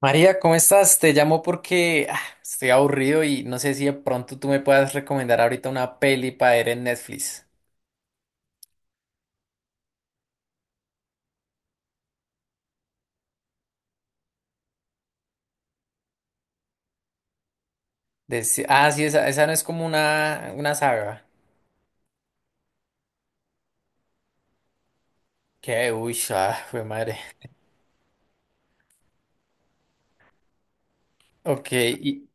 María, ¿cómo estás? Te llamo porque estoy aburrido y no sé si de pronto tú me puedas recomendar ahorita una peli para ver en Netflix. Sí, esa no es como una saga. Que, uy, ah, fue madre. Ok, ¿y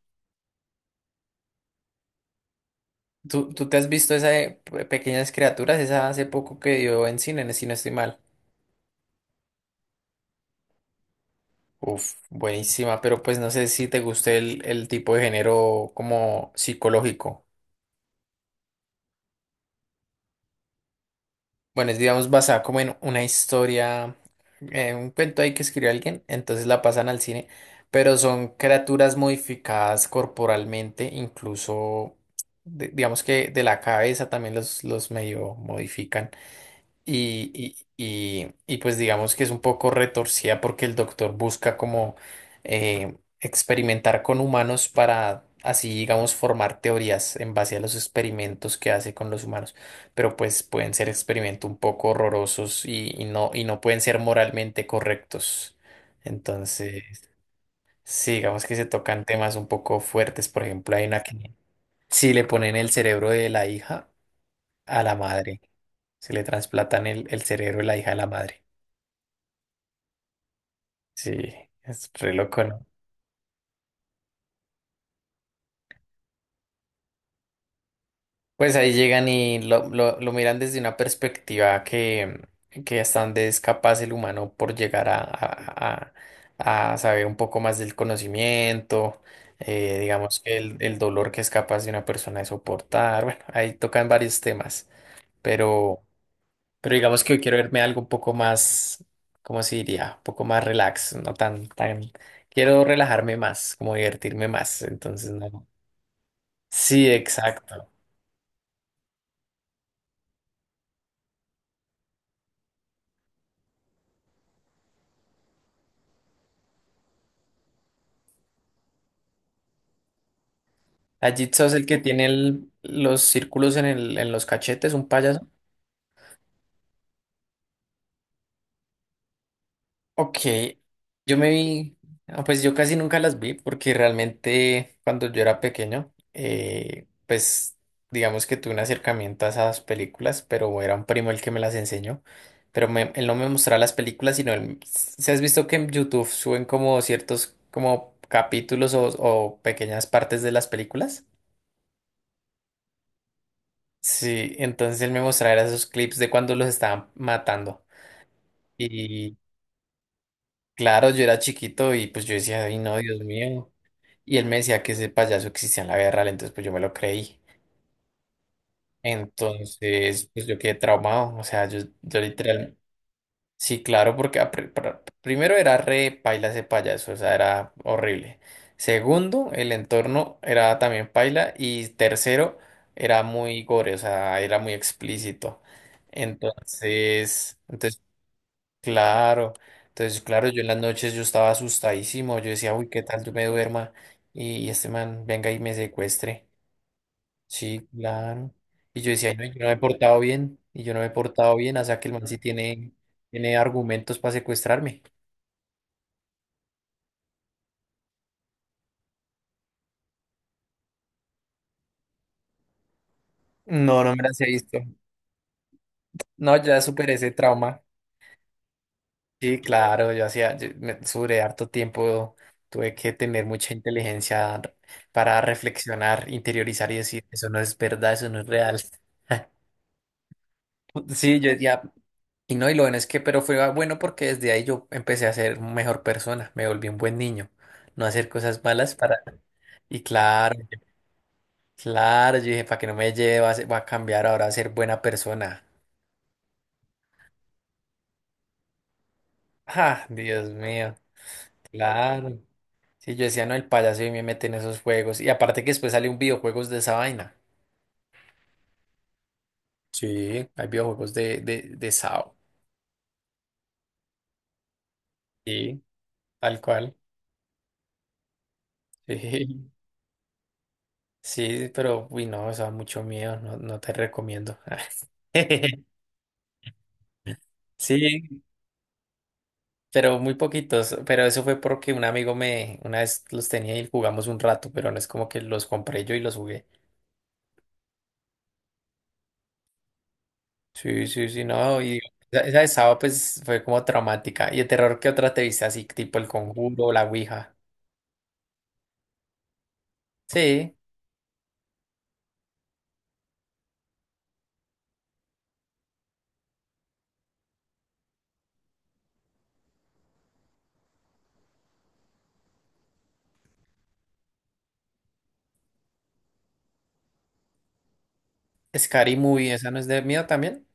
tú te has visto esa de Pequeñas Criaturas? Esa hace poco que dio en cine, si no estoy mal. Uf, buenísima, pero pues no sé si te guste el tipo de género como psicológico. Bueno, es digamos basada como en una historia, en un cuento ahí que escribió alguien, entonces la pasan al cine, pero son criaturas modificadas corporalmente, incluso digamos que de la cabeza también los medio modifican. Y, pues digamos que es un poco retorcida porque el doctor busca como experimentar con humanos para así, digamos, formar teorías en base a los experimentos que hace con los humanos. Pero pues pueden ser experimentos un poco horrorosos y no pueden ser moralmente correctos. Entonces, sí, digamos que se tocan temas un poco fuertes. Por ejemplo, hay una que si le ponen el cerebro de la hija a la madre. Se le trasplantan el cerebro de la hija a la madre. Sí, es re loco, ¿no? Pues ahí llegan y lo miran desde una perspectiva que hasta donde es capaz el humano por llegar a saber un poco más del conocimiento, digamos que el dolor que es capaz de una persona de soportar. Bueno, ahí tocan varios temas, pero. Pero digamos que yo quiero verme algo un poco más, ¿cómo se diría? Un poco más relax, no tan, tan. Quiero relajarme más, como divertirme más. Entonces, no. Sí, exacto. Ajitsu es el que tiene los círculos en, el, en los cachetes, un payaso. Ok, yo me vi, ah, pues yo casi nunca las vi porque realmente cuando yo era pequeño, pues digamos que tuve un acercamiento a esas películas, pero era un primo el que me las enseñó, pero él no me mostraba las películas, sino él, si has visto que en YouTube suben como ciertos como capítulos o pequeñas partes de las películas. Sí, entonces él me mostraba esos clips de cuando los estaban matando. Y claro, yo era chiquito y pues yo decía, ay no, Dios mío. Y él me decía que ese payaso existía en la guerra, entonces pues yo me lo creí. Entonces, pues yo quedé traumado. O sea, yo literal. Sí, claro, porque primero era re paila ese payaso, o sea, era horrible. Segundo, el entorno era también paila. Y tercero, era muy gore, o sea, era muy explícito. Entonces, claro. Entonces, claro, yo en las noches yo estaba asustadísimo. Yo decía, uy, ¿qué tal yo me duerma? Y este man venga y me secuestre. Sí, claro. Y yo decía, "Ay, no, yo no me he portado bien, y yo no me he portado bien, o sea que el man sí tiene argumentos para secuestrarme." No, no me las he visto. No, ya superé ese trauma. Sí, claro, yo hacía, sobre harto tiempo tuve que tener mucha para reflexionar, interiorizar y decir, eso no es verdad, eso no es real. Sí, yo decía, y no, y lo bueno es que, pero fue bueno porque desde ahí yo empecé a ser mejor persona, me volví un buen niño, no hacer cosas malas para. Y claro, claro, yo dije, para que no me lleve, va a cambiar ahora a ser buena persona. Ah, Dios mío, claro. Sí, yo decía, no, el payaso y me mete en esos juegos. Y aparte que después salió un videojuegos de esa vaina. Sí, hay videojuegos de Sao. Sí, tal cual. Sí, sí, pero, uy, no, eso da mucho miedo, no, no te recomiendo. Sí, pero muy poquitos. Pero eso fue porque un amigo me, una vez los tenía y jugamos un rato, pero no es como que los compré yo y los jugué. Sí, sí, sí, no, y esa de sábado pues fue como traumática. ¿Y de terror qué otra te viste así, tipo El Conjuro, La Ouija? Sí, Scary Movie, ¿esa no es de miedo también?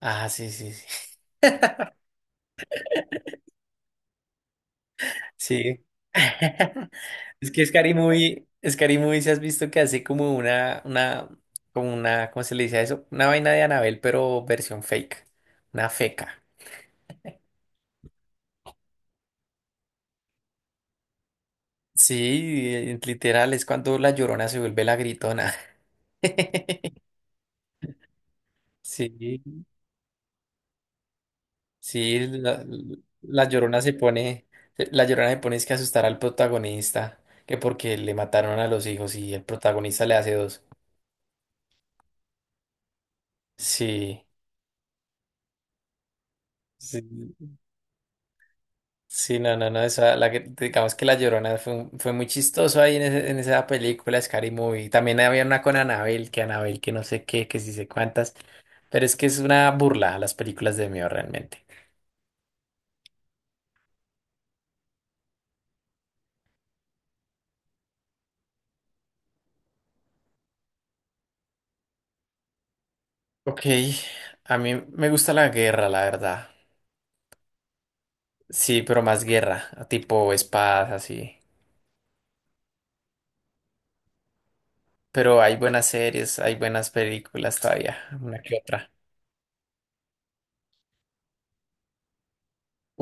Ah, sí, sí, sí. Sí. Es que Scary Movie, si has visto que hace como como una, ¿cómo se le dice a eso? Una vaina de Anabel, pero versión fake, una feca. Sí, literal, es cuando la llorona se vuelve la gritona. Sí. Sí, la Llorona se pone, la Llorona se pone es que asustar al protagonista, que porque le mataron a los hijos y el protagonista le hace dos. Sí, sí, sí, no, no, no, esa, digamos que la Llorona fue, fue muy chistoso ahí en, en esa película, Scary Movie. También había una con Anabel, que no sé qué, que sí sé cuántas, pero es que es una burla a las películas de miedo realmente. Ok, a mí me gusta la guerra, la verdad. Sí, pero más guerra, tipo espadas, así. Pero hay buenas series, hay buenas películas todavía, una que otra.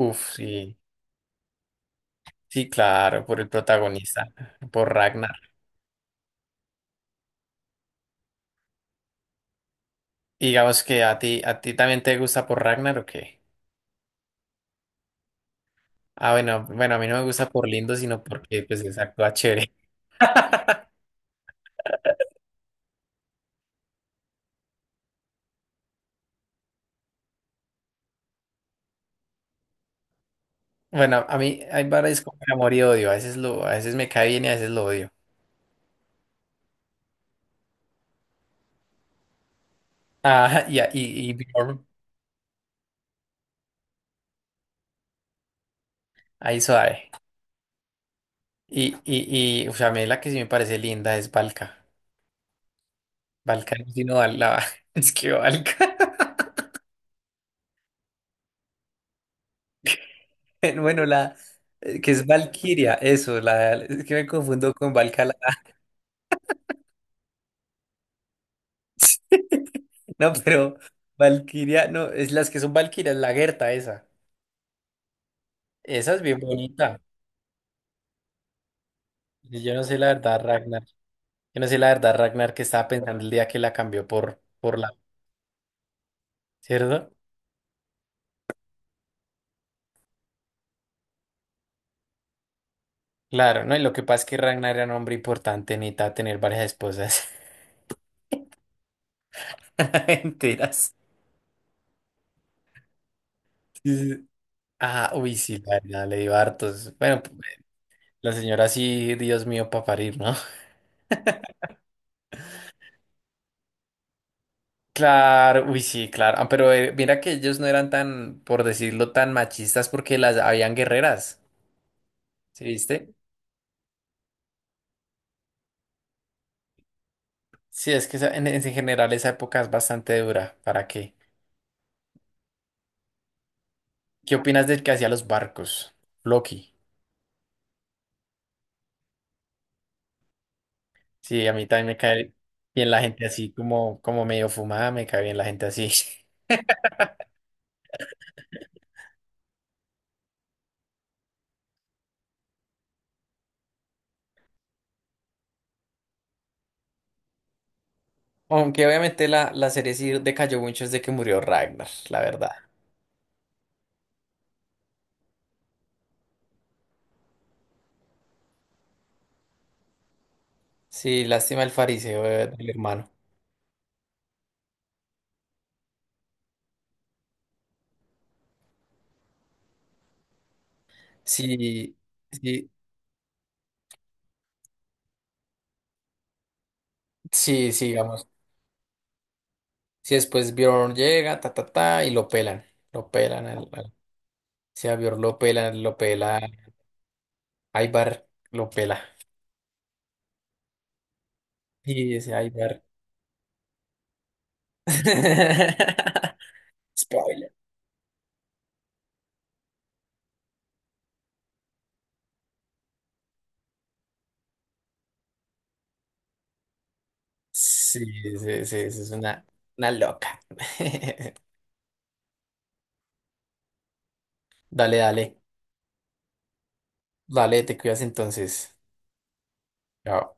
Uf, sí, sí, claro, por el protagonista, por Ragnar. Y digamos que a ti también te gusta por Ragnar o qué? Ah, bueno, bueno, a mí no me gusta por lindo, sino porque pues es actúa chévere. Bueno, a mí hay varias como que amor y odio, a veces lo, a veces me cae bien y a veces lo odio. Ah, y Bjorn, ahí suave. O sea, a mí la que sí me parece linda es Valka. Valka, no, sino Val- la, es que Valka. Bueno, la que es Valkyria, eso, la es que me confundo con Valhalla. No, pero Valkyria, no, es las que son Valkyrias, la Gerta esa. Esa es bien bonita. Y yo no sé la verdad, Ragnar. Yo no sé la verdad, Ragnar, que estaba pensando el día que la cambió por la, ¿cierto? Claro, ¿no? Y lo que pasa es que Ragnar era un hombre importante, necesitaba tener varias esposas enteras. Sí. Ah, uy, sí, la verdad, le dio hartos. Bueno, la señora sí, Dios mío, para parir, ¿no? Claro, uy, sí, claro. Ah, pero mira que ellos no eran tan, por decirlo, tan machistas porque las habían guerreras, ¿sí viste? Sí, es que en general esa época es bastante dura. ¿Para qué? ¿Qué opinas del que hacía los barcos? Loki. Sí, a mí también me cae bien la gente así, como, como medio fumada, me cae bien la gente así. Aunque obviamente la serie sí decayó mucho desde que murió Ragnar, la verdad. Sí, lástima el fariseo del hermano. Sí, sí. Sí, sigamos. Si después Bjorn llega, ta, ta, ta, y lo pelan. Lo pelan. Si a Bjorn lo pelan, lo pela. Ivar lo pela. Y ese Ivar. Spoiler. Sí, sí, sí, sí, es una loca. Dale, dale. Dale, te cuidas entonces. Chao.